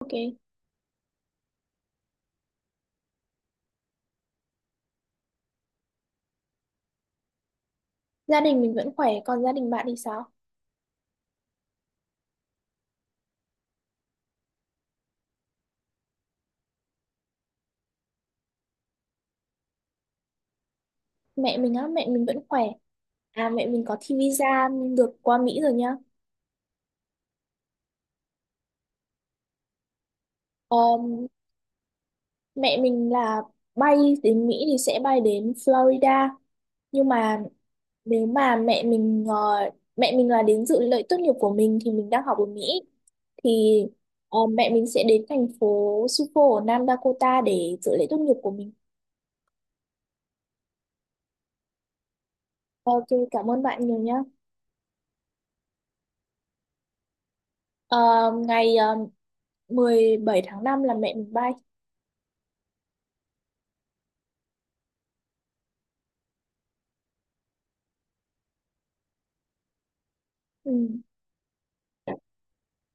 Ok, gia đình mình vẫn khỏe, còn gia đình bạn thì sao? Mẹ mình á, mẹ mình vẫn khỏe. À, mẹ mình có thi visa được qua Mỹ rồi nhá. Ờm, Mẹ mình là bay đến Mỹ thì sẽ bay đến Florida. Nhưng mà nếu mà mẹ mình là đến dự lễ tốt nghiệp của mình thì mình đang học ở Mỹ thì mẹ mình sẽ đến thành phố Sioux ở Nam Dakota để dự lễ tốt nghiệp của mình. Ok, cảm ơn bạn nhiều nhá. Ờ, Ngày 17 tháng 5 là mẹ mình bay. Ừ.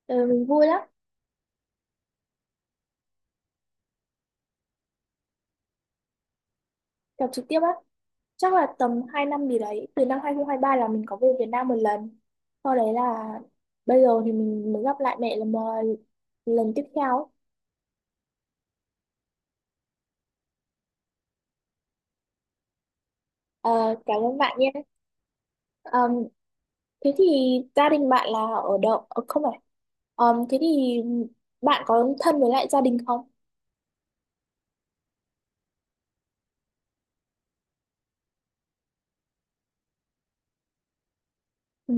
Ờ, mình vui lắm, gặp trực tiếp á. Chắc là tầm 2 năm gì đấy, từ năm 2023 là mình có về Việt Nam một lần. Sau đấy là bây giờ thì mình mới gặp lại mẹ lần tiếp theo. Ờ, cảm ơn bạn nhé. Ờ, thế thì gia đình bạn là ở đâu? Ờ, không phải. Ờ, thế thì bạn có thân với lại gia đình không? Ừ,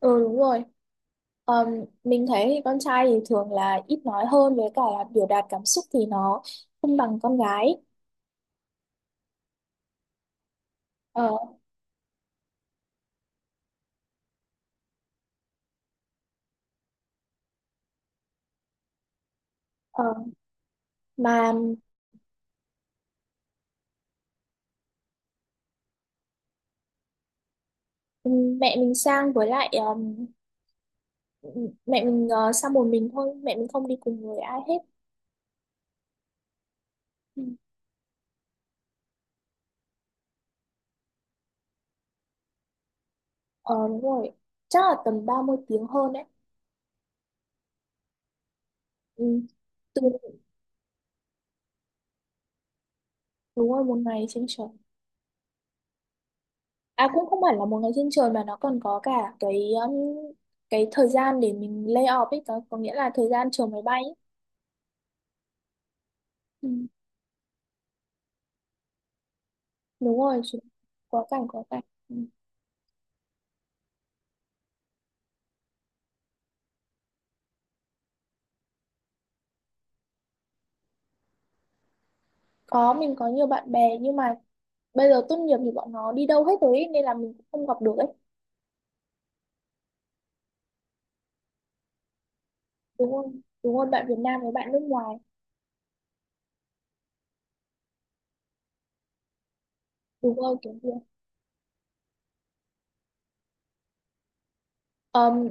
ừ, đúng rồi. Ờ, mình thấy thì con trai thì thường là ít nói hơn với cả là biểu đạt cảm xúc thì nó không bằng con gái. Ờ, ờ. Mà mẹ mình sang với lại mẹ mình sang một mình thôi, mẹ mình không đi cùng với ai hết. Ừ. ờ Đúng rồi, chắc là tầm 30 tiếng hơn đấy. Ừ. từ Đúng rồi, một ngày trên trời. À, cũng không hẳn là một ngày trên trời mà nó còn có cả cái thời gian để mình lay off ấy, có nghĩa là thời gian chờ máy bay ấy. Ừ. Đúng rồi chứ. Quá cảnh, quá cảnh. Ừ. Có, mình có nhiều bạn bè nhưng mà bây giờ tốt nghiệp thì bọn nó đi đâu hết rồi ấy, nên là mình cũng không gặp được ấy. Đúng không, đúng không, bạn Việt Nam với bạn nước ngoài. Đúng rồi, kiểu gì. Ờm,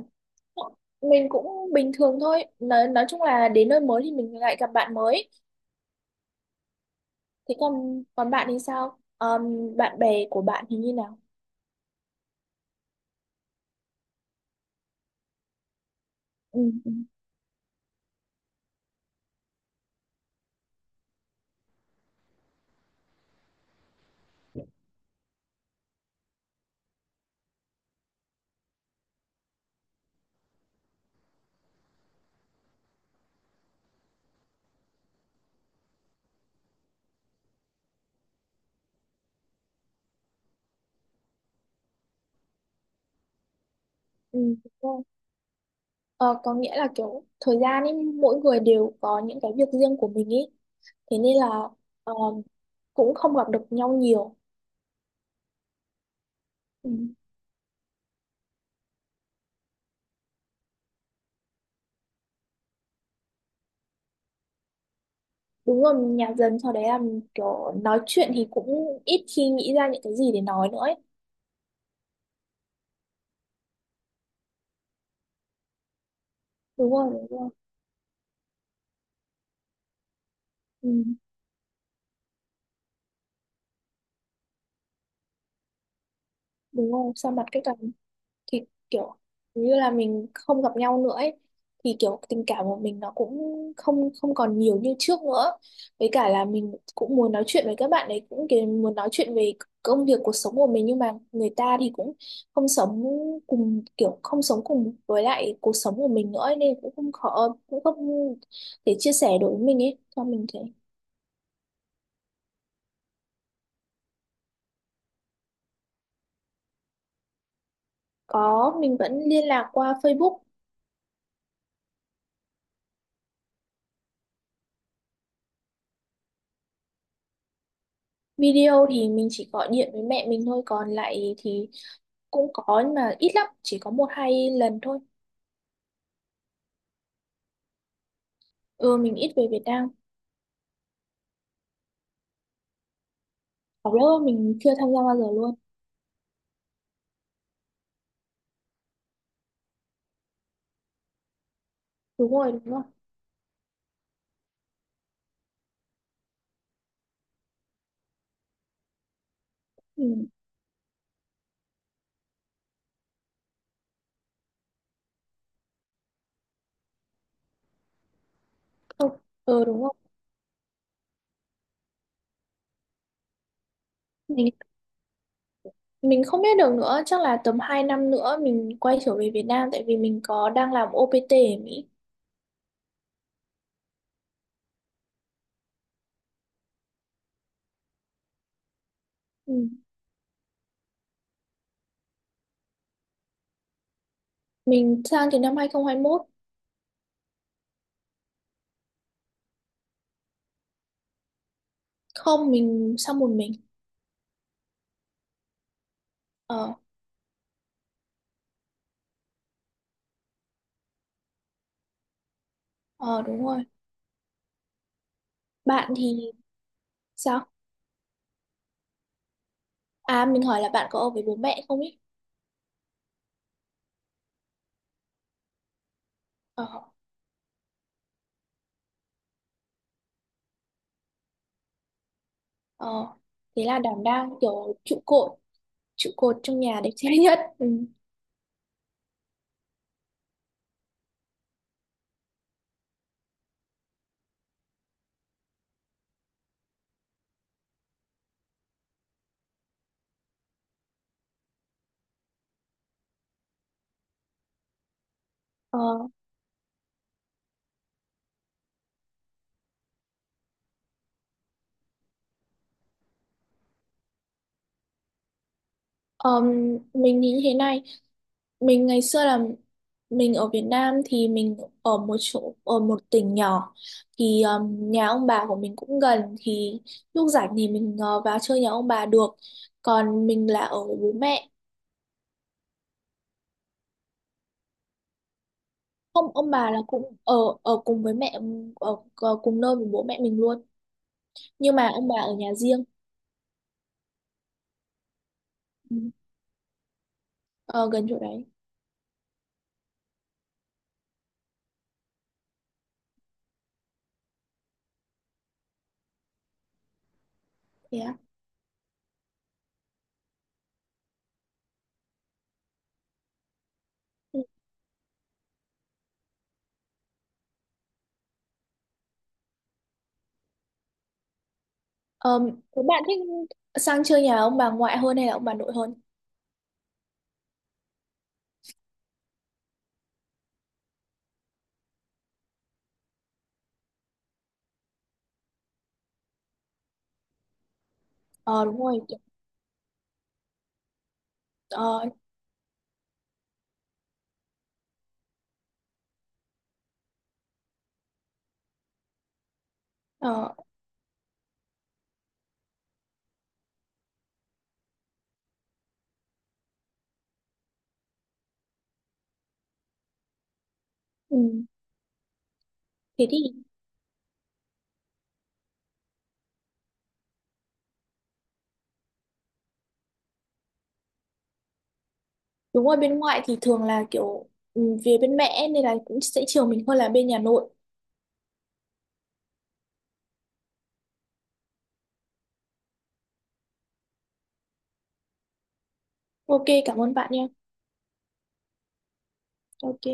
mình cũng bình thường thôi, nói chung là đến nơi mới thì mình lại gặp bạn mới. Thế còn còn bạn thì sao? Bạn bè của bạn thì như nào? Ừ, ừ, ừ, đúng rồi. Ờ, có nghĩa là kiểu thời gian ấy mỗi người đều có những cái việc riêng của mình ấy, thế nên là ờm, cũng không gặp được nhau nhiều. Ừ. Đúng rồi, nhà dần sau đấy là mình kiểu nói chuyện thì cũng ít khi nghĩ ra những cái gì để nói nữa ấy. Đúng rồi, đúng rồi. Ừ, đúng rồi, xa mặt cách cảm thì kiểu như là mình không gặp nhau nữa ấy, thì kiểu tình cảm của mình nó cũng không không còn nhiều như trước nữa, với cả là mình cũng muốn nói chuyện với các bạn ấy, cũng kiểu muốn nói chuyện về công việc cuộc sống của mình nhưng mà người ta thì cũng không sống cùng, kiểu không sống cùng với lại cuộc sống của mình nữa ấy, nên cũng không khó cũng không thể chia sẻ đối với mình ấy cho mình thế. Có, mình vẫn liên lạc qua Facebook. Video thì mình chỉ gọi điện với mẹ mình thôi, còn lại thì cũng có nhưng mà ít lắm, chỉ có một hai lần thôi. Ừ, mình ít về Việt Nam. Học lớp mình chưa tham gia bao giờ luôn. Đúng rồi, đúng rồi. Ừ, không, ừ, đúng rồi. Mình mình không biết được nữa, chắc là tầm 2 năm nữa mình quay trở về Việt Nam tại vì mình có đang làm OPT ở Mỹ. Ừ. Mình sang từ năm hai không hai mốt. Không, mình sang một mình. Ờ, ờ, đúng rồi. Bạn thì sao? À, mình hỏi là bạn có ở với bố mẹ không ý? Ờ. Ờ, thế là đảm đang kiểu trụ cột trong nhà đẹp trai nhất. Ừ. Ờ, ờm, mình nghĩ thế này, mình ngày xưa là mình ở Việt Nam thì mình ở một chỗ, ở một tỉnh nhỏ thì nhà ông bà của mình cũng gần thì lúc rảnh thì mình vào chơi nhà ông bà được. Còn mình là ở với bố mẹ. Không, ông bà là cũng ở ở cùng với mẹ, ở cùng nơi với bố mẹ mình luôn. Nhưng mà ông bà ở nhà riêng. Ừ. Ờ, gần chỗ đấy. Thế á. Ừ. Ờ, thế bạn thích sang chơi nhà ông bà ngoại hơn hay là ông bà nội hơn? Ờ, đúng rồi. Ờ, ờ, ừ. Thế thì đúng rồi, bên ngoại thì thường là kiểu về bên mẹ nên là cũng sẽ chiều mình hơn là bên nhà nội. Ok, cảm ơn bạn nha. Ok.